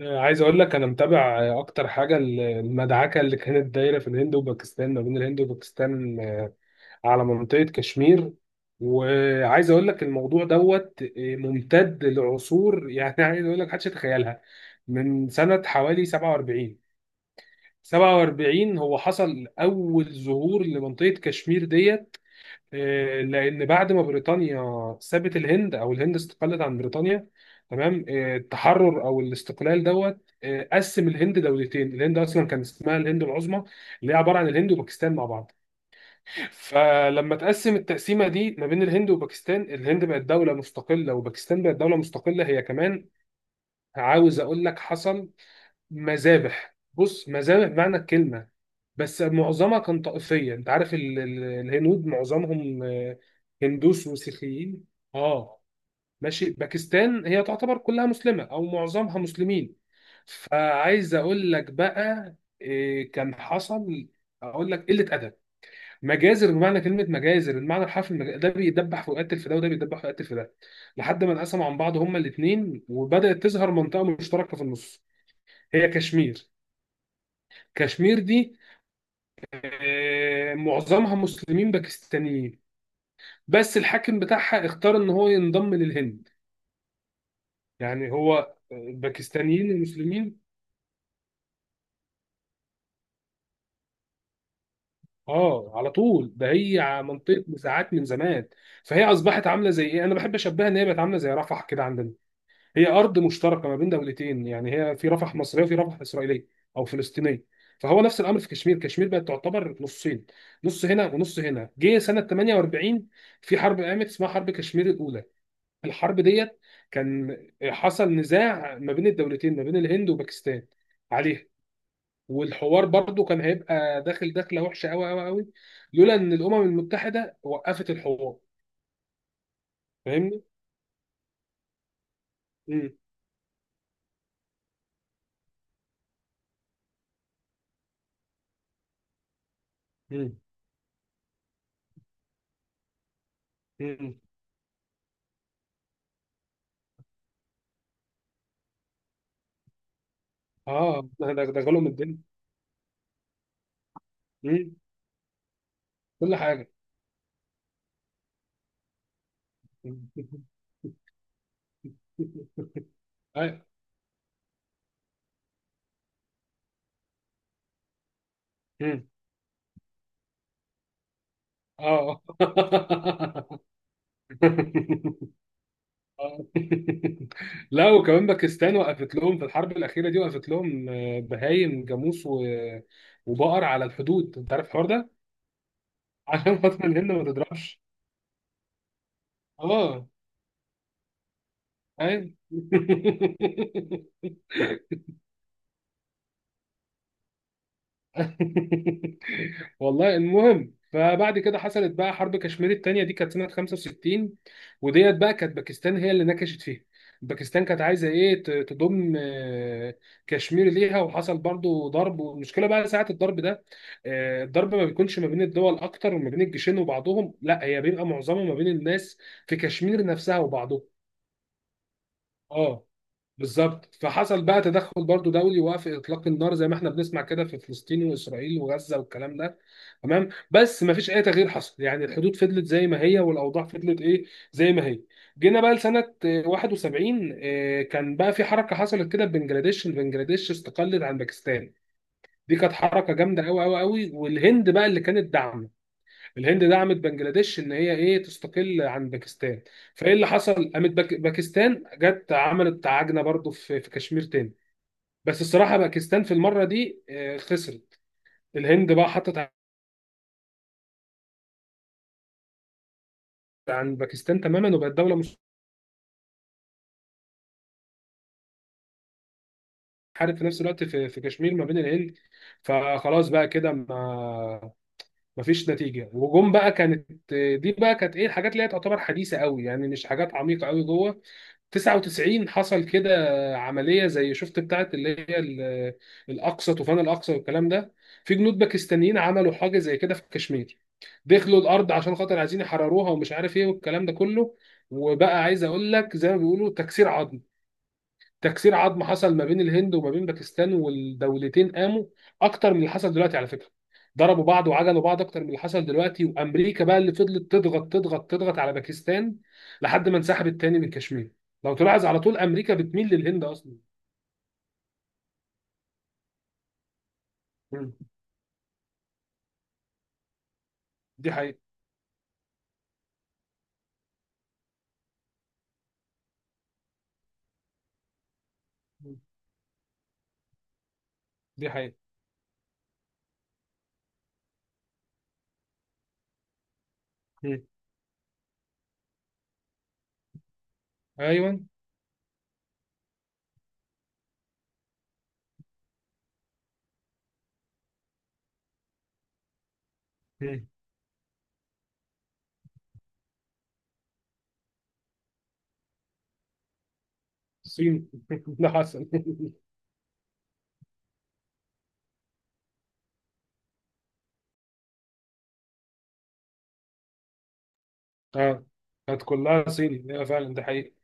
عايز اقول لك انا متابع اكتر حاجه المدعكه اللي كانت دايره في الهند وباكستان ما بين الهند وباكستان، على منطقه كشمير. وعايز اقول لك الموضوع دوت، ممتد لعصور يعني عايز اقول لك محدش يتخيلها من سنه حوالي 47. 47 هو حصل اول ظهور لمنطقه كشمير ديت، لان بعد ما بريطانيا سابت الهند او الهند استقلت عن بريطانيا. تمام، التحرر او الاستقلال دوت، قسم الهند دولتين. الهند اصلا كان اسمها الهند العظمى اللي هي عباره عن الهند وباكستان مع بعض. فلما تقسم التقسيمه دي ما بين الهند وباكستان، الهند بقت دوله مستقله وباكستان بقت دوله مستقله هي كمان. عاوز اقول لك حصل مذابح، بص، مذابح بمعنى الكلمة. بس معظمها كان طائفية، انت عارف الهنود معظمهم، هندوس وسيخيين. اه، ماشي. باكستان هي تعتبر كلها مسلمة او معظمها مسلمين. فعايز اقول لك بقى، كان حصل، اقول لك قلة ادب، مجازر بمعنى كلمة مجازر، المعنى الحرفي. ده بيدبح ويقتل في ده وده بيدبح ويقتل في ده لحد ما انقسموا عن بعض هما الاثنين. وبدأت تظهر منطقة مشتركة في النص، هي كشمير. كشمير دي، معظمها مسلمين باكستانيين، بس الحاكم بتاعها اختار ان هو ينضم للهند. يعني هو، الباكستانيين المسلمين. اه، على طول ده. هي منطقه نزاعات من زمان. فهي اصبحت عامله زي ايه، انا بحب اشبهها ان هي بقت عامله زي رفح كده عندنا. هي ارض مشتركه ما بين دولتين، يعني هي في رفح مصريه وفي رفح اسرائيليه او فلسطينيه. فهو نفس الامر في كشمير. كشمير بقت تعتبر نصين، نص هنا ونص هنا. جه سنه 48، في حرب قامت اسمها حرب كشمير الاولى. الحرب ديت كان حصل نزاع ما بين الدولتين، ما بين الهند وباكستان عليها. والحوار برضو كان هيبقى داخله وحشه قوي قوي قوي، لولا ان الامم المتحده وقفت الحوار. فاهمني؟ امم. امم. امم. اه، ده غلو من الدنيا. امم. كل حاجه. أيوة. امم. اه. آه. لا، وكمان باكستان وقفت لهم في الحرب الأخيرة دي، وقفت لهم، بهايم، جاموس وبقر على الحدود. أنت عارف الحوار ده؟ عشان خاطر الهند ما تضربش. اه، أيوة. والله المهم. فبعد كده حصلت بقى حرب كشمير التانية، دي كانت سنة 65. وديت بقى كانت باكستان هي اللي نكشت فيها. باكستان كانت عايزة ايه، تضم، كشمير ليها. وحصل برضو ضرب، والمشكلة بقى ساعة الضرب ده، الضرب ما بيكونش ما بين الدول اكتر، وما بين الجيشين وبعضهم، لا، هي بيبقى معظمه ما بين الناس في كشمير نفسها وبعضهم. اه، بالظبط. فحصل بقى تدخل برضو دولي، وقف اطلاق النار، زي ما احنا بنسمع كده في فلسطين واسرائيل وغزه والكلام ده. تمام، بس ما فيش اي تغيير حصل، يعني الحدود فضلت زي ما هي والاوضاع فضلت ايه، زي ما هي. جينا بقى لسنه، 71. كان بقى في حركه حصلت كده في بنجلاديش. بنجلاديش استقلت عن باكستان، دي كانت حركه جامده قوي قوي قوي، والهند بقى اللي كانت داعمه. الهند دعمت بنجلاديش ان هي ايه، تستقل عن باكستان. فايه اللي حصل، قامت باكستان جت عملت عجنه برضو في كشمير تاني. بس الصراحه باكستان في المره دي، خسرت. الهند بقى حطت عن باكستان تماما، وبقت دوله مش حارب في نفس الوقت في كشمير ما بين الهند. فخلاص بقى كده، ما مفيش نتيجه. وجم بقى، كانت دي بقى كانت ايه، الحاجات اللي هي تعتبر حديثه قوي، يعني مش حاجات عميقه قوي جوه. 99 حصل كده عمليه زي، شفت بتاعت اللي هي ال- الاقصى طوفان الاقصى والكلام ده. في جنود باكستانيين عملوا حاجه زي كده في كشمير، دخلوا الارض عشان خاطر عايزين يحرروها ومش عارف ايه والكلام ده كله. وبقى عايز اقول لك زي ما بيقولوا، تكسير عظم. تكسير عظم حصل ما بين الهند وما بين باكستان، والدولتين قاموا اكتر من اللي حصل دلوقتي على فكره. ضربوا بعض وعجلوا بعض اكتر من اللي حصل دلوقتي، وامريكا بقى اللي فضلت تضغط تضغط تضغط على باكستان لحد ما انسحبت تاني من كشمير. لو تلاحظ، على طول امريكا بتميل للهند اصلا. مم. دي حقيقه. مم. دي حقيقه. مم. ايوه. مم. الصين. ده حصل. اه، كانت كلها صيني، ايوه فعلا، ده حقيقي.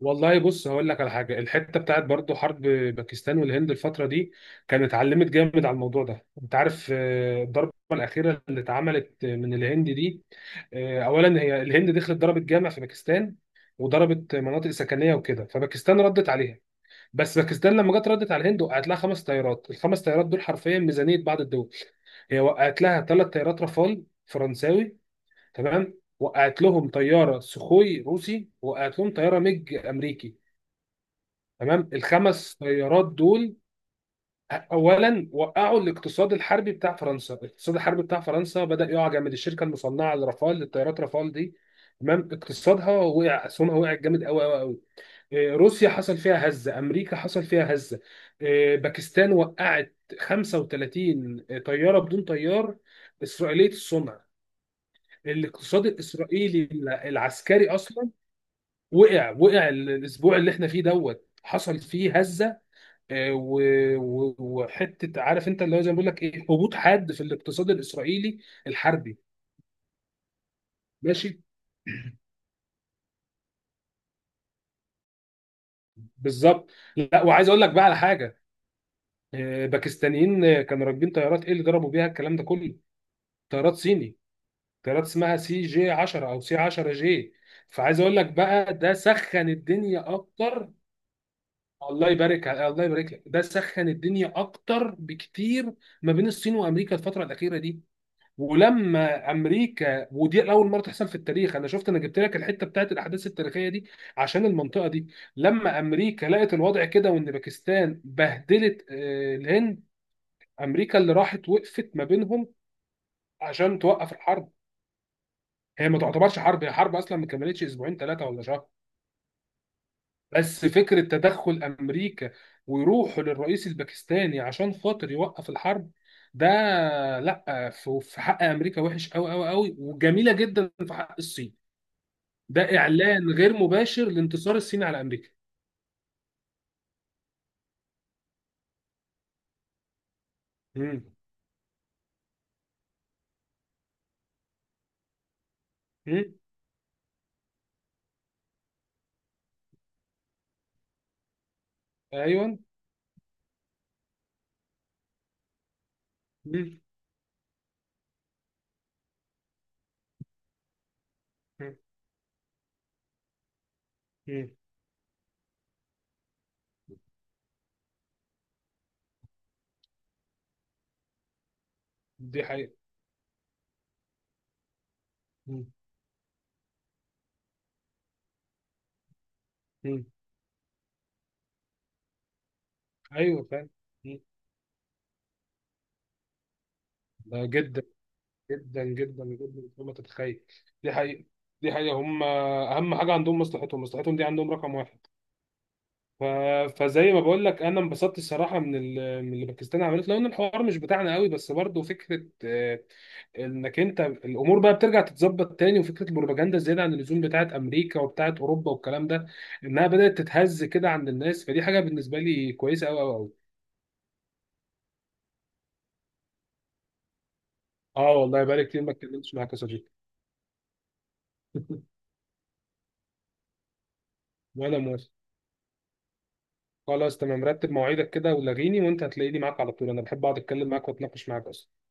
والله بص هقول لك على حاجه. الحته بتاعت برضو حرب باكستان والهند الفتره دي، كانت اتعلمت جامد على الموضوع ده. انت عارف، الضربه الاخيره اللي اتعملت من الهند دي، اولا هي الهند دخلت ضربت جامع في باكستان وضربت مناطق سكنيه وكده، فباكستان ردت عليها. بس باكستان لما جت ردت على الهند، وقعت لها خمس طيارات. الخمس طيارات دول حرفيا ميزانيه بعض الدول. هي وقعت لها ثلاث طيارات رافال فرنساوي، تمام، وقعت لهم طياره سخوي روسي، وقعت لهم طياره ميج امريكي. تمام، الخمس طيارات دول اولا وقعوا الاقتصاد الحربي بتاع فرنسا. الاقتصاد الحربي بتاع فرنسا بدأ يقع جامد. الشركه المصنعه لرافال، للطيارات رافال دي، تمام، اقتصادها وقع، اسهمها وقعت جامد قوي قوي قوي. إيه، روسيا حصل فيها هزه، امريكا حصل فيها هزه، باكستان وقعت 35 طياره بدون طيار اسرائيليه الصنع. الاقتصاد الاسرائيلي العسكري اصلا وقع. الاسبوع اللي احنا فيه دوت حصل فيه هزه، وحته عارف انت اللي هو زي ما بيقول لك ايه، هبوط حاد في الاقتصاد الاسرائيلي الحربي. ماشي. بالظبط. لا، وعايز اقول لك بقى على حاجه، باكستانيين، كانوا راكبين طيارات ايه اللي ضربوا بيها الكلام ده كله. طيارات صيني، طيارات اسمها سي جي 10 او سي 10 جي. فعايز اقول لك بقى، ده سخن الدنيا اكتر. الله يبارك لك، ده سخن الدنيا اكتر بكتير ما بين الصين وامريكا الفتره الاخيره دي. ولما امريكا، ودي اول مره تحصل في التاريخ انا شفت، انا جبت لك الحته بتاعت الاحداث التاريخيه دي عشان المنطقه دي. لما امريكا لقت الوضع كده، وان باكستان بهدلت، الهند، امريكا اللي راحت وقفت ما بينهم عشان توقف الحرب. هي ما تعتبرش حرب، هي حرب اصلا ما كملتش اسبوعين ثلاثه ولا شهر. بس فكره تدخل امريكا ويروحوا للرئيس الباكستاني عشان خاطر يوقف الحرب ده، لا، في حق امريكا وحش قوي قوي قوي، وجميله جدا في حق الصين. ده اعلان غير مباشر لانتصار الصين على امريكا. مم. مم. ايوه. مم. مم. مم. دي حقيقه. مم. مم. ايوه، فاهم. مم. ده جدا، جدا جدا جدا فوق ما تتخيل. دي حقيقه. دي حقيقه، هم اهم حاجه عندهم مصلحتهم. مصلحتهم دي عندهم رقم واحد. ف... فزي ما بقول لك انا انبسطت الصراحه من اللي باكستان عملته، لو ان الحوار مش بتاعنا قوي، بس برضه فكره، انك انت الامور بقى بترجع تتظبط تاني، وفكره البروباجندا الزياده عن اللزوم بتاعت امريكا وبتاعت اوروبا والكلام ده انها بدات تتهز كده عند الناس، فدي حاجه بالنسبه لي كويسه قوي قوي قوي. اه، والله بقالي كتير ما اتكلمتش معاك يا صديقي. ولا موافق. خلاص، تمام، رتب مواعيدك كده ولاغيني، وانت هتلاقيني معاك على طول، انا بحب اقعد اتكلم معاك واتناقش معاك اصلا.